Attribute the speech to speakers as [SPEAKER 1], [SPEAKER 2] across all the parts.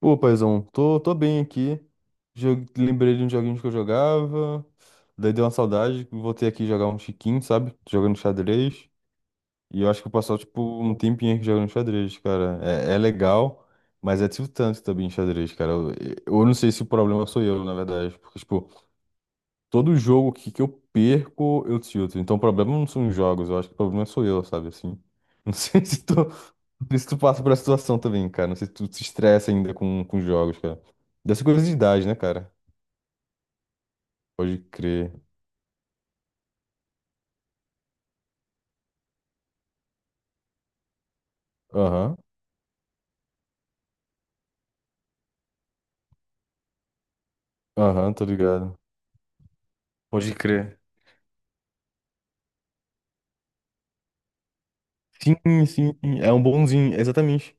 [SPEAKER 1] Pô, paizão, tô bem aqui. Lembrei de um joguinho que eu jogava. Daí deu uma saudade. Voltei aqui jogar um chiquinho, sabe? Jogando xadrez. E eu acho que eu passou, tipo, um tempinho aqui jogando xadrez, cara. É legal, mas é tiltante também xadrez, cara. Eu não sei se o problema sou eu, na verdade. Porque, tipo, todo jogo que eu perco, eu tilto. Então o problema não são os jogos, eu acho que o problema sou eu, sabe, assim. Não sei se tu passa por essa situação também, cara. Não sei se tu se estressa ainda com jogos, cara. Dessa coisa de idade, né, cara? Pode crer. Aham, aham, tô ligado. Pode crer. Sim, sim, sim, é um bonzinho, exatamente.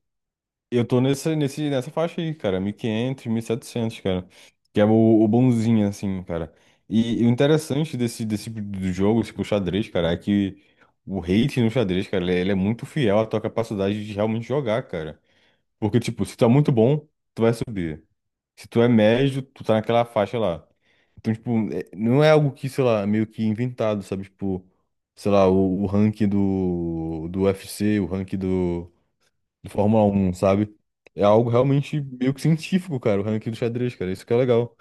[SPEAKER 1] Eu tô nessa faixa aí, cara, 1500, 700 cara, que é o bonzinho, assim, cara. E o interessante desse do jogo, tipo, o xadrez, cara, é que o hate no xadrez, cara, ele é muito fiel à tua capacidade de realmente jogar, cara. Porque, tipo, se tu é muito bom, tu vai subir. Se tu é médio, tu tá naquela faixa lá. Então, tipo, não é algo que, sei lá, meio que inventado, sabe? Tipo, sei lá, o ranking do UFC, o ranking do Fórmula 1, sabe? É algo realmente meio que científico, cara, o ranking do xadrez, cara. Isso que é legal.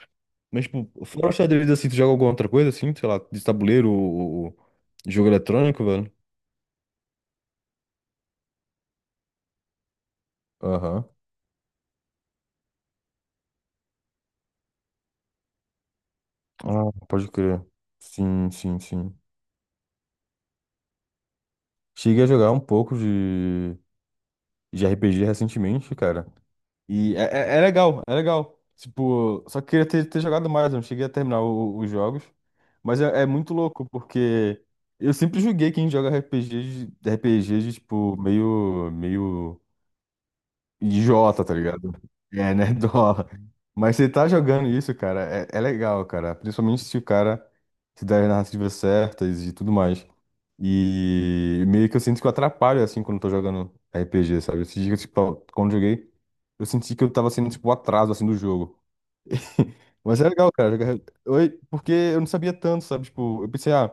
[SPEAKER 1] Mas, tipo, fora o xadrez, assim, tu joga alguma outra coisa, assim? Sei lá, de tabuleiro ou, jogo eletrônico, velho? Aham. Ah, pode crer. Sim, sim, sim. Cheguei a jogar um pouco de RPG recentemente, cara. E é legal, é legal. Tipo, só queria ter jogado mais, eu não cheguei a terminar os jogos. Mas é muito louco, porque eu sempre julguei quem joga RPG de, tipo, meio, meio. Idiota, tá ligado? É, né? Dólar. Mas você tá jogando isso, cara, é legal, cara. Principalmente se o cara se der as narrativas certas e tudo mais. E meio que eu sinto que eu atrapalho, assim, quando eu tô jogando RPG, sabe? Esses dias, tipo, quando eu joguei, eu senti que eu tava sendo, tipo, o atraso, assim, do jogo. Mas é legal, cara. Oi, porque eu não sabia tanto, sabe? Tipo, eu pensei, ah,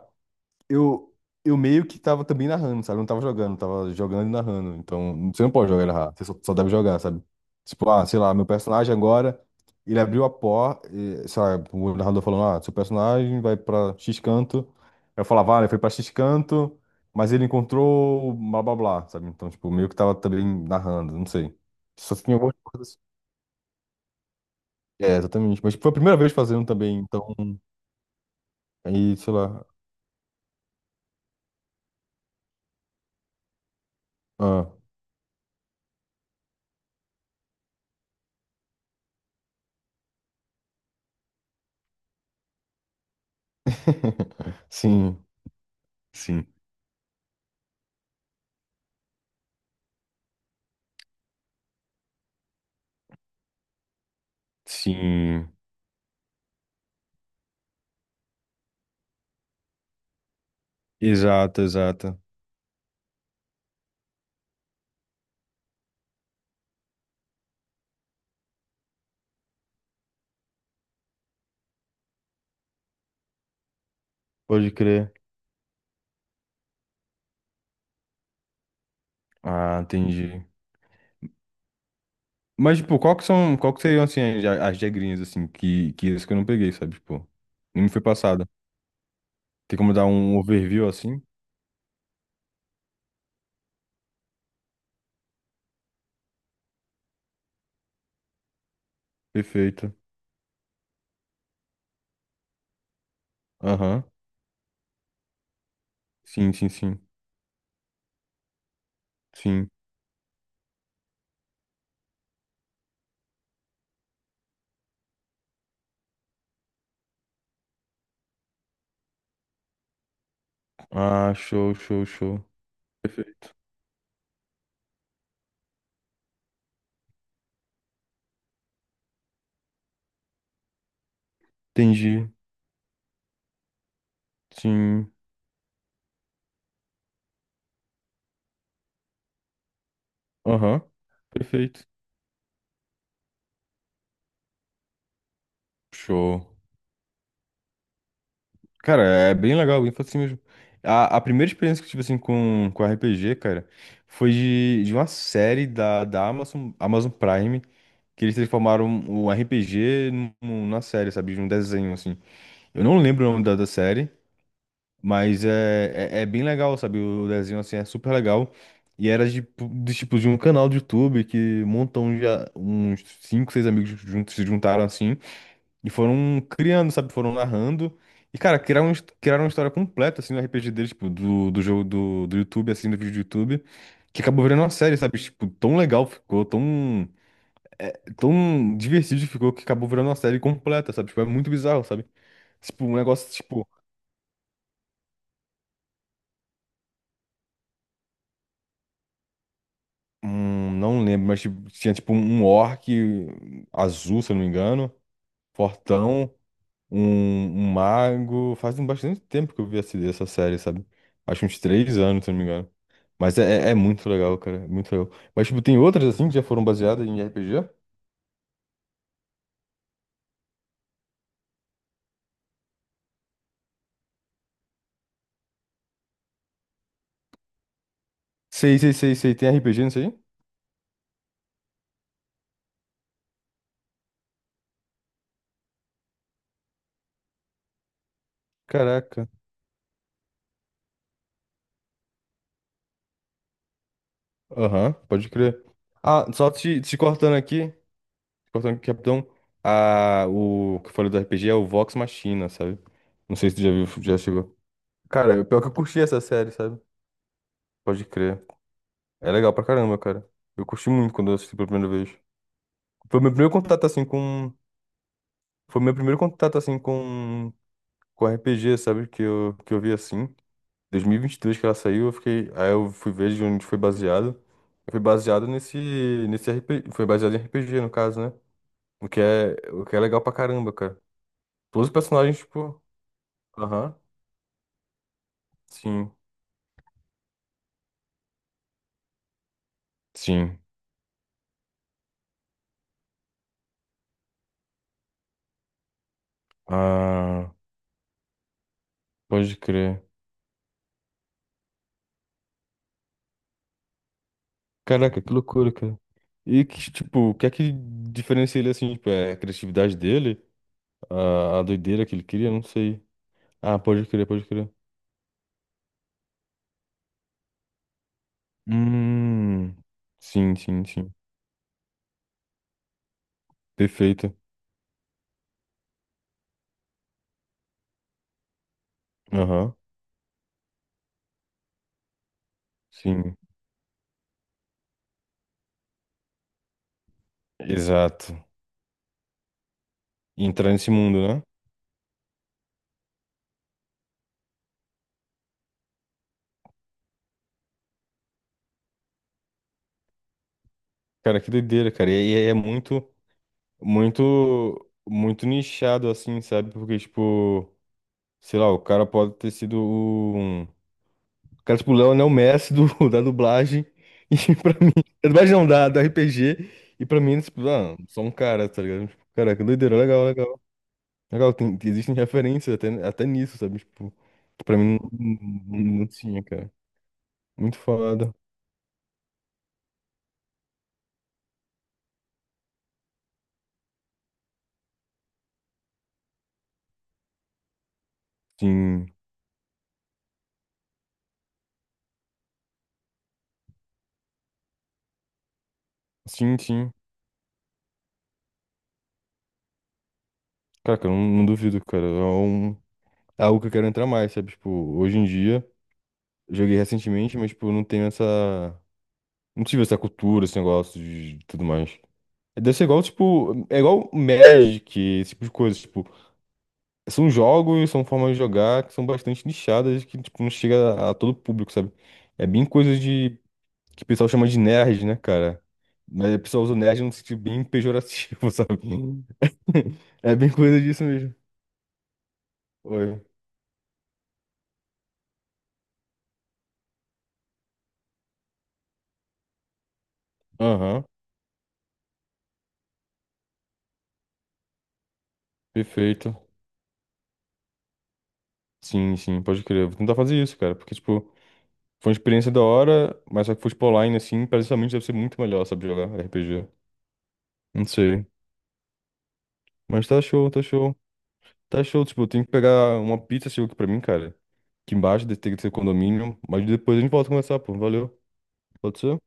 [SPEAKER 1] eu, eu meio que tava também narrando, sabe? Eu não tava jogando, tava jogando e narrando. Então, você não pode jogar e narrar, você só deve jogar, sabe? Tipo, ah, sei lá, meu personagem agora, ele abriu a porta, e, sei lá, o narrador falando, ah, seu personagem vai pra X canto. Eu falava, ah, ele foi pra X canto, mas ele encontrou blá blá blá, sabe? Então, tipo, meio que tava também narrando, não sei. Só tinha algumas coisas. É, exatamente. Mas tipo, foi a primeira vez fazendo também, então, aí, sei lá. Ah. Sim. Sim. Sim, exato, exato. Pode crer. Ah, entendi. Mas, tipo, qual que seriam, assim, as regrinhas, assim, que isso que eu não peguei, sabe? Tipo, não me foi passada. Tem como dar um overview, assim? Perfeito. Aham. Sim, sim, sim. Sim. Ah, show, show, show. Perfeito. Entendi. Sim. Aham. Perfeito. Show. Cara, é bem legal, bem fácil mesmo. A primeira experiência que eu tive, assim, com RPG, cara, foi de uma série da Amazon Prime, que eles transformaram o RPG numa série, sabe? De um desenho, assim. Eu não lembro o nome da série, mas é bem legal, sabe? O desenho, assim, é super legal. E era de um canal do YouTube que montam já uns cinco, seis amigos juntos se juntaram, assim, e foram criando, sabe? Foram narrando. E, cara, criaram uma história completa, assim, no RPG deles, tipo, do jogo do YouTube, assim, do vídeo do YouTube, que acabou virando uma série, sabe? Tipo, tão legal ficou, tão divertido ficou, que acabou virando uma série completa, sabe? Tipo, é muito bizarro, sabe? Tipo, um negócio, tipo, não lembro, mas tipo, tinha, tipo, um orc azul, se eu não me engano, fortão. Um mago. Faz um bastante tempo que eu vi essa série, sabe? Acho uns 3 anos, se não me engano. Mas é, é muito legal, cara. É muito legal. Mas, tipo, tem outras assim que já foram baseadas em RPG? Sei, sei, sei, sei. Tem RPG nisso aí? Caraca. Aham, pode crer. Ah, só te cortando aqui. Te cortando aqui, capitão. Ah, o que eu falei do RPG é o Vox Machina, sabe? Não sei se tu já viu, já chegou. Cara, o pior que eu curti essa série, sabe? Pode crer. É legal pra caramba, cara. Eu curti muito quando eu assisti pela primeira vez. Foi meu primeiro contato assim com. Foi meu primeiro contato assim com RPG, sabe? Que eu vi assim. Dois mil e vinte e dois que ela saiu, eu fiquei. Aí eu fui ver de onde foi baseado. Foi baseado nesse RPG. Foi baseado em RPG, no caso, né? O que é legal pra caramba, cara. Todos os personagens, tipo. Aham. Sim. Sim. Ah, pode crer. Caraca, que loucura, cara. E que, tipo, o que é que diferencia ele assim, tipo, é a criatividade dele? A doideira que ele cria, não sei. Ah, pode crer, pode crer. Hum, sim, sim, sim. Perfeito. Aham, sim. Exato. E entrar nesse mundo, né? Cara, que doideira, cara. E é muito, muito, muito nichado, assim, sabe? Porque, tipo, sei lá, o cara pode ter sido um. O cara, tipo, o Léo é o Messi do, da dublagem. E pra mim. Da dublagem não, da, do RPG. E pra mim, tipo, ah, só um cara, tá ligado? Tipo, caraca, doideira, legal, legal. Legal, existem referências até nisso, sabe? Tipo, que pra mim não, não, não tinha, cara. Muito foda. Sim, sim, sim. Cara, cara, eu não duvido, cara. É algo que eu quero entrar mais, sabe? Tipo, hoje em dia, joguei recentemente, mas, tipo, eu não tenho essa. Não tive essa cultura, esse negócio de tudo mais. Deve ser igual, tipo, é igual Magic, esse tipo de coisa. Tipo, são jogos, são formas de jogar que são bastante nichadas, que, tipo, não chega a todo público, sabe? É bem coisa de que o pessoal chama de nerd, né, cara? Mas o pessoal usa nerd num sentido bem pejorativo, sabe? É bem coisa disso mesmo. Oi. Aham, perfeito. Sim, sim, pode crer. Vou tentar fazer isso, cara, porque, tipo, foi uma experiência da hora, mas só que fosse pro online, assim, precisamente deve ser muito melhor, sabe, jogar RPG. Não sei. Mas tá show, tá show. Tá show, tipo, eu tenho que pegar uma pizza, chegou aqui pra mim, cara. Aqui embaixo, deve ter que ser condomínio, mas depois a gente volta a conversar, pô. Valeu. Pode ser?